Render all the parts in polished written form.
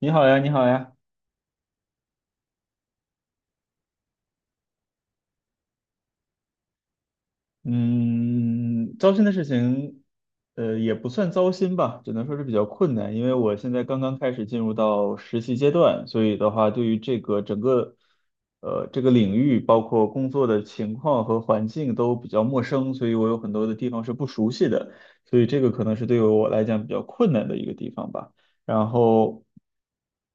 你好呀，你好呀。嗯，糟心的事情，也不算糟心吧，只能说是比较困难，因为我现在刚刚开始进入到实习阶段，所以的话，对于这个整个，这个领域，包括工作的情况和环境都比较陌生，所以我有很多的地方是不熟悉的，所以这个可能是对于我来讲比较困难的一个地方吧。然后，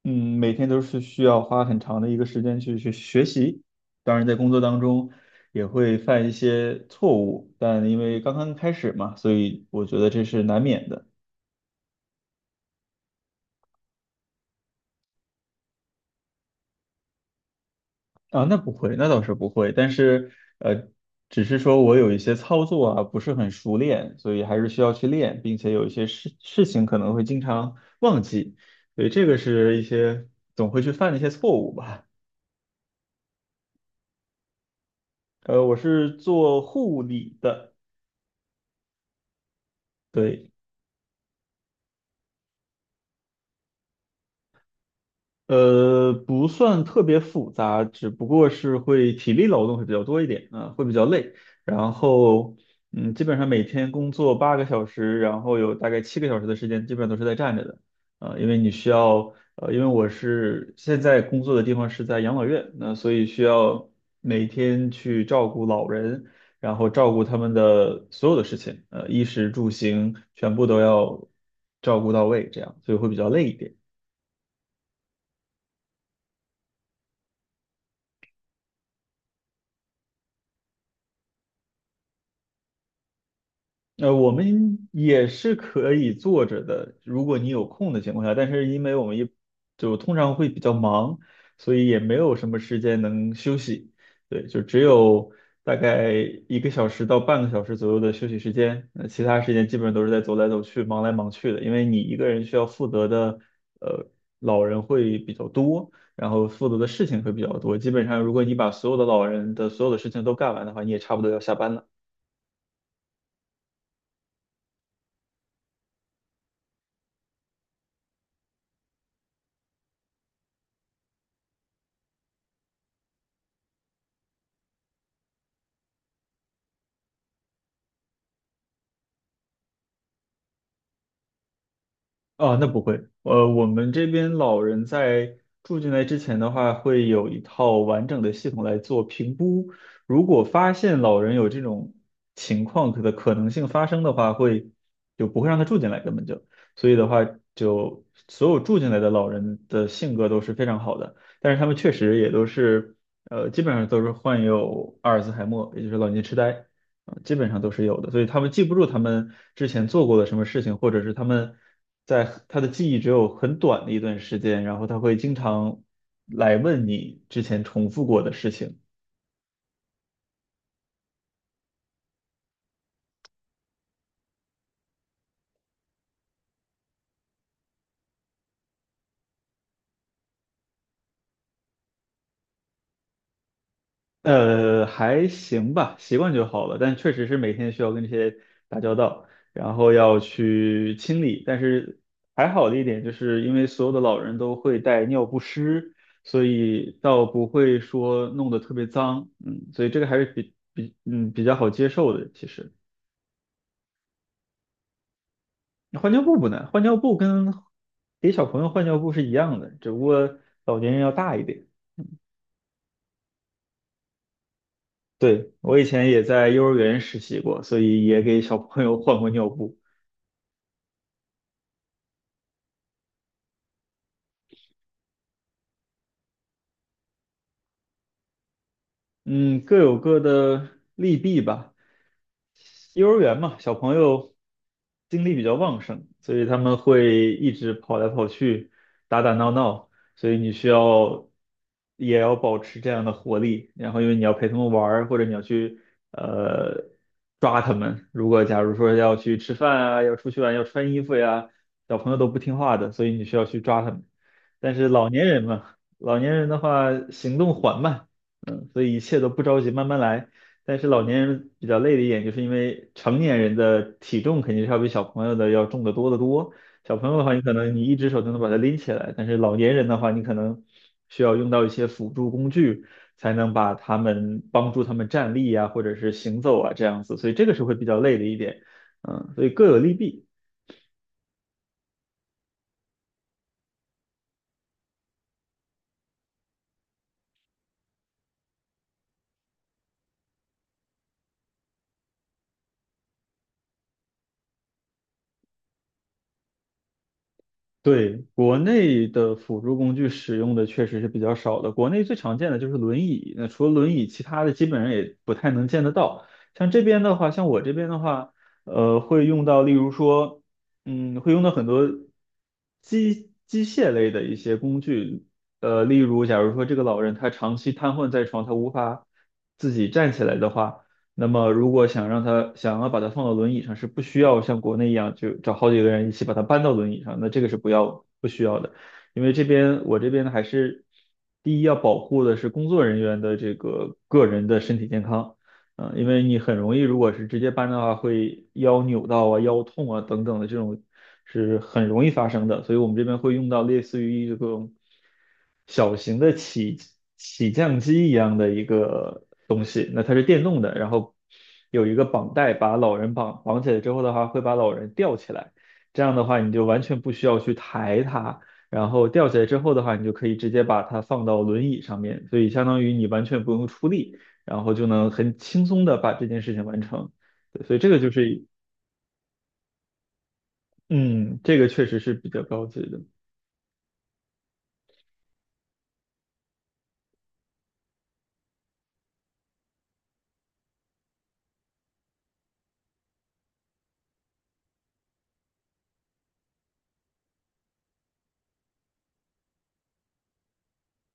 每天都是需要花很长的一个时间去学习。当然，在工作当中，也会犯一些错误，但因为刚刚开始嘛，所以我觉得这是难免的。啊，那不会，那倒是不会，但是呃，只是说我有一些操作啊不是很熟练，所以还是需要去练，并且有一些事情可能会经常忘记，所以这个是一些总会去犯的一些错误吧。我是做护理的。对，不算特别复杂，只不过是会体力劳动会比较多一点，会比较累。然后，基本上每天工作8个小时，然后有大概7个小时的时间，基本上都是在站着的，因为你需要，因为我是现在工作的地方是在养老院，那所以需要每天去照顾老人，然后照顾他们的所有的事情，衣食住行全部都要照顾到位，这样，所以会比较累一点。我们也是可以坐着的，如果你有空的情况下，但是因为我们就通常会比较忙，所以也没有什么时间能休息。对，就只有大概1个小时到半个小时左右的休息时间，那其他时间基本上都是在走来走去、忙来忙去的。因为你一个人需要负责的，呃，老人会比较多，然后负责的事情会比较多。基本上，如果你把所有的老人的所有的事情都干完的话，你也差不多要下班了。啊，那不会。我们这边老人在住进来之前的话，会有一套完整的系统来做评估。如果发现老人有这种情况的可能性发生的话，就不会让他住进来，根本就。所以的话，就所有住进来的老人的性格都是非常好的，但是他们确实也都是，基本上都是患有阿尔兹海默，也就是老年痴呆。基本上都是有的，所以他们记不住他们之前做过的什么事情，或者是他们在他的记忆只有很短的一段时间，然后他会经常来问你之前重复过的事情。还行吧，习惯就好了。但确实是每天需要跟这些打交道，然后要去清理。但是还好的一点，就是因为所有的老人都会带尿不湿，所以倒不会说弄得特别脏。嗯，所以这个还是比较好接受的。其实换尿布不难，换尿布跟给小朋友换尿布是一样的，只不过老年人要大一点。对，我以前也在幼儿园实习过，所以也给小朋友换过尿布。嗯，各有各的利弊吧。幼儿园嘛，小朋友精力比较旺盛，所以他们会一直跑来跑去，打打闹闹，所以你需要也要保持这样的活力。然后，因为你要陪他们玩儿或者你要去呃抓他们。如果假如说要去吃饭啊，要出去玩，要穿衣服呀，小朋友都不听话的，所以你需要去抓他们。但是老年人嘛，老年人的话行动缓慢。所以一切都不着急，慢慢来。但是老年人比较累的一点，就是因为成年人的体重肯定是要比小朋友的要重得多得多。小朋友的话，你可能你一只手就能把它拎起来，但是老年人的话，你可能需要用到一些辅助工具，才能把他们帮助他们站立啊，或者是行走啊这样子。所以这个是会比较累的一点。所以各有利弊。对，国内的辅助工具使用的确实是比较少的。国内最常见的就是轮椅，那除了轮椅，其他的基本上也不太能见得到。像这边的话，像我这边的话，会用到，例如说，会用到很多机械类的一些工具，例如，假如说这个老人他长期瘫痪在床，他无法自己站起来的话。那么如果想要把它放到轮椅上，是不需要像国内一样就找好几个人一起把它搬到轮椅上，那这个是不需要的，因为我这边还是第一要保护的是工作人员的这个个人的身体健康。因为你很容易，如果是直接搬的话，会腰扭到啊、腰痛啊等等的这种是很容易发生的，所以我们这边会用到类似于这种小型的起降机一样的一个，那它是电动的，然后有一个绑带把老人绑起来之后的话，会把老人吊起来。这样的话，你就完全不需要去抬它，然后吊起来之后的话，你就可以直接把它放到轮椅上面，所以相当于你完全不用出力，然后就能很轻松的把这件事情完成。对，所以这个就是，嗯，这个确实是比较高级的。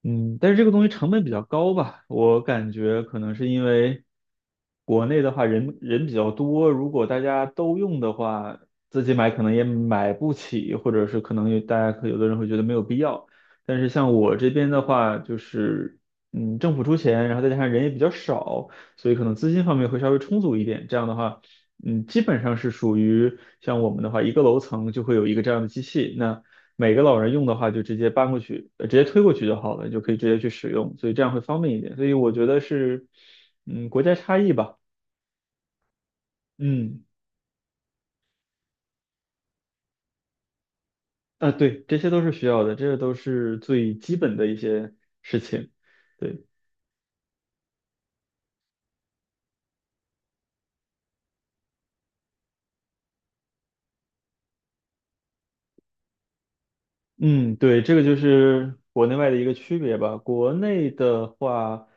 嗯，但是这个东西成本比较高吧，我感觉可能是因为国内的话人比较多，如果大家都用的话，自己买可能也买不起，或者是可能有大家可有的人会觉得没有必要。但是像我这边的话，就是政府出钱，然后再加上人也比较少，所以可能资金方面会稍微充足一点。这样的话，基本上是属于像我们的话，一个楼层就会有一个这样的机器，那，每个老人用的话，就直接搬过去，直接推过去就好了，就可以直接去使用，所以这样会方便一点。所以我觉得是，国家差异吧。嗯，对，这些都是需要的，这些都是最基本的一些事情，对。嗯，对，这个就是国内外的一个区别吧。国内的话，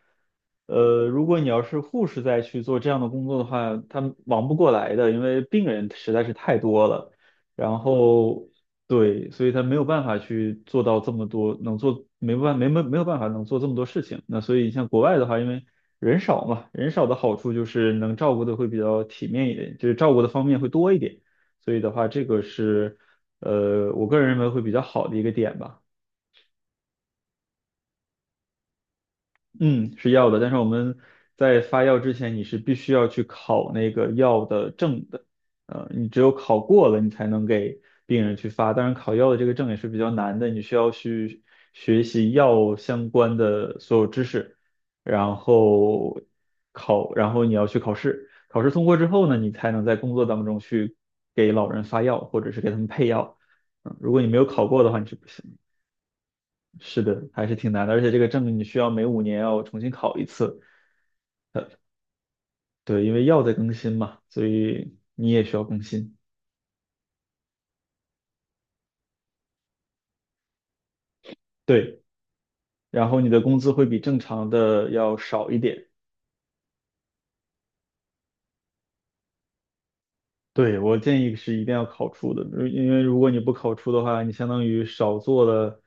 如果你要是护士再去做这样的工作的话，他忙不过来的，因为病人实在是太多了。然后，对，所以他没有办法去做到这么多，能做没办没没没有办法能做这么多事情。那所以像国外的话，因为人少嘛，人少的好处就是能照顾的会比较体面一点，就是照顾的方面会多一点。所以的话，这个是。我个人认为会比较好的一个点吧。嗯，是药的，但是我们在发药之前，你是必须要去考那个药的证的。你只有考过了，你才能给病人去发。当然，考药的这个证也是比较难的，你需要去学习药相关的所有知识，然后考，然后你要去考试。考试通过之后呢，你才能在工作当中去给老人发药，或者是给他们配药。如果你没有考过的话，你是不行的。是的，还是挺难的，而且这个证你需要每5年要重新考一次。对，因为药在更新嘛，所以你也需要更新。对，然后你的工资会比正常的要少一点。对，我建议是一定要考出的，因为如果你不考出的话，你相当于少做了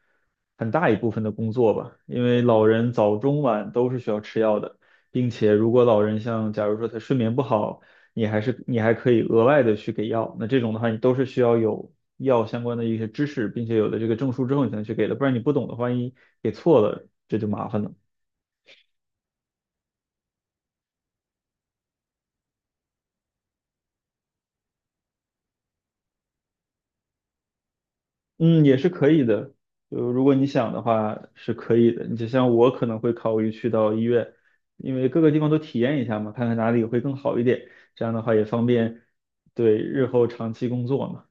很大一部分的工作吧。因为老人早中晚都是需要吃药的，并且如果老人像假如说他睡眠不好，你还可以额外的去给药，那这种的话你都是需要有药相关的一些知识，并且有了这个证书之后你才能去给的，不然你不懂的话，万一给错了，这就麻烦了。嗯，也是可以的。就如果你想的话，是可以的。你就像我可能会考虑去到医院，因为各个地方都体验一下嘛，看看哪里会更好一点。这样的话也方便对日后长期工作嘛。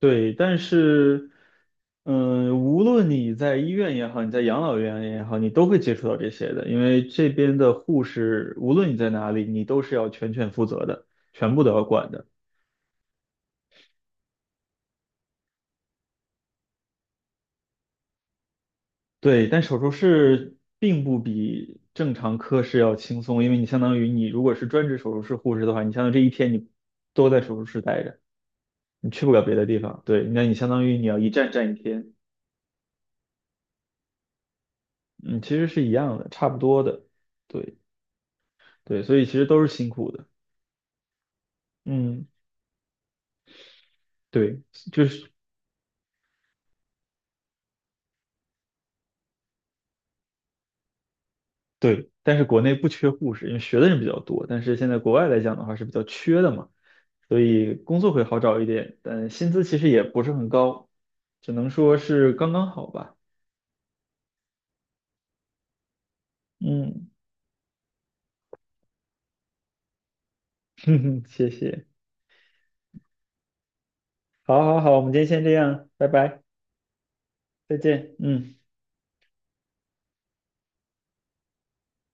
对，但是，无论你在医院也好，你在养老院也好，你都会接触到这些的，因为这边的护士，无论你在哪里，你都是要全权负责的，全部都要管的。对，但手术室并不比正常科室要轻松，因为你相当于你如果是专职手术室护士的话，你相当于这一天你都在手术室待着，你去不了别的地方。对，那你相当于你要一站站一天。嗯，其实是一样的，差不多的。对，对，所以其实都是辛苦的。嗯，对，就是。对，但是国内不缺护士，因为学的人比较多。但是现在国外来讲的话是比较缺的嘛，所以工作会好找一点，但薪资其实也不是很高，只能说是刚刚好吧。嗯，哼哼谢谢。好，好，好，我们今天先这样，拜拜，再见。嗯。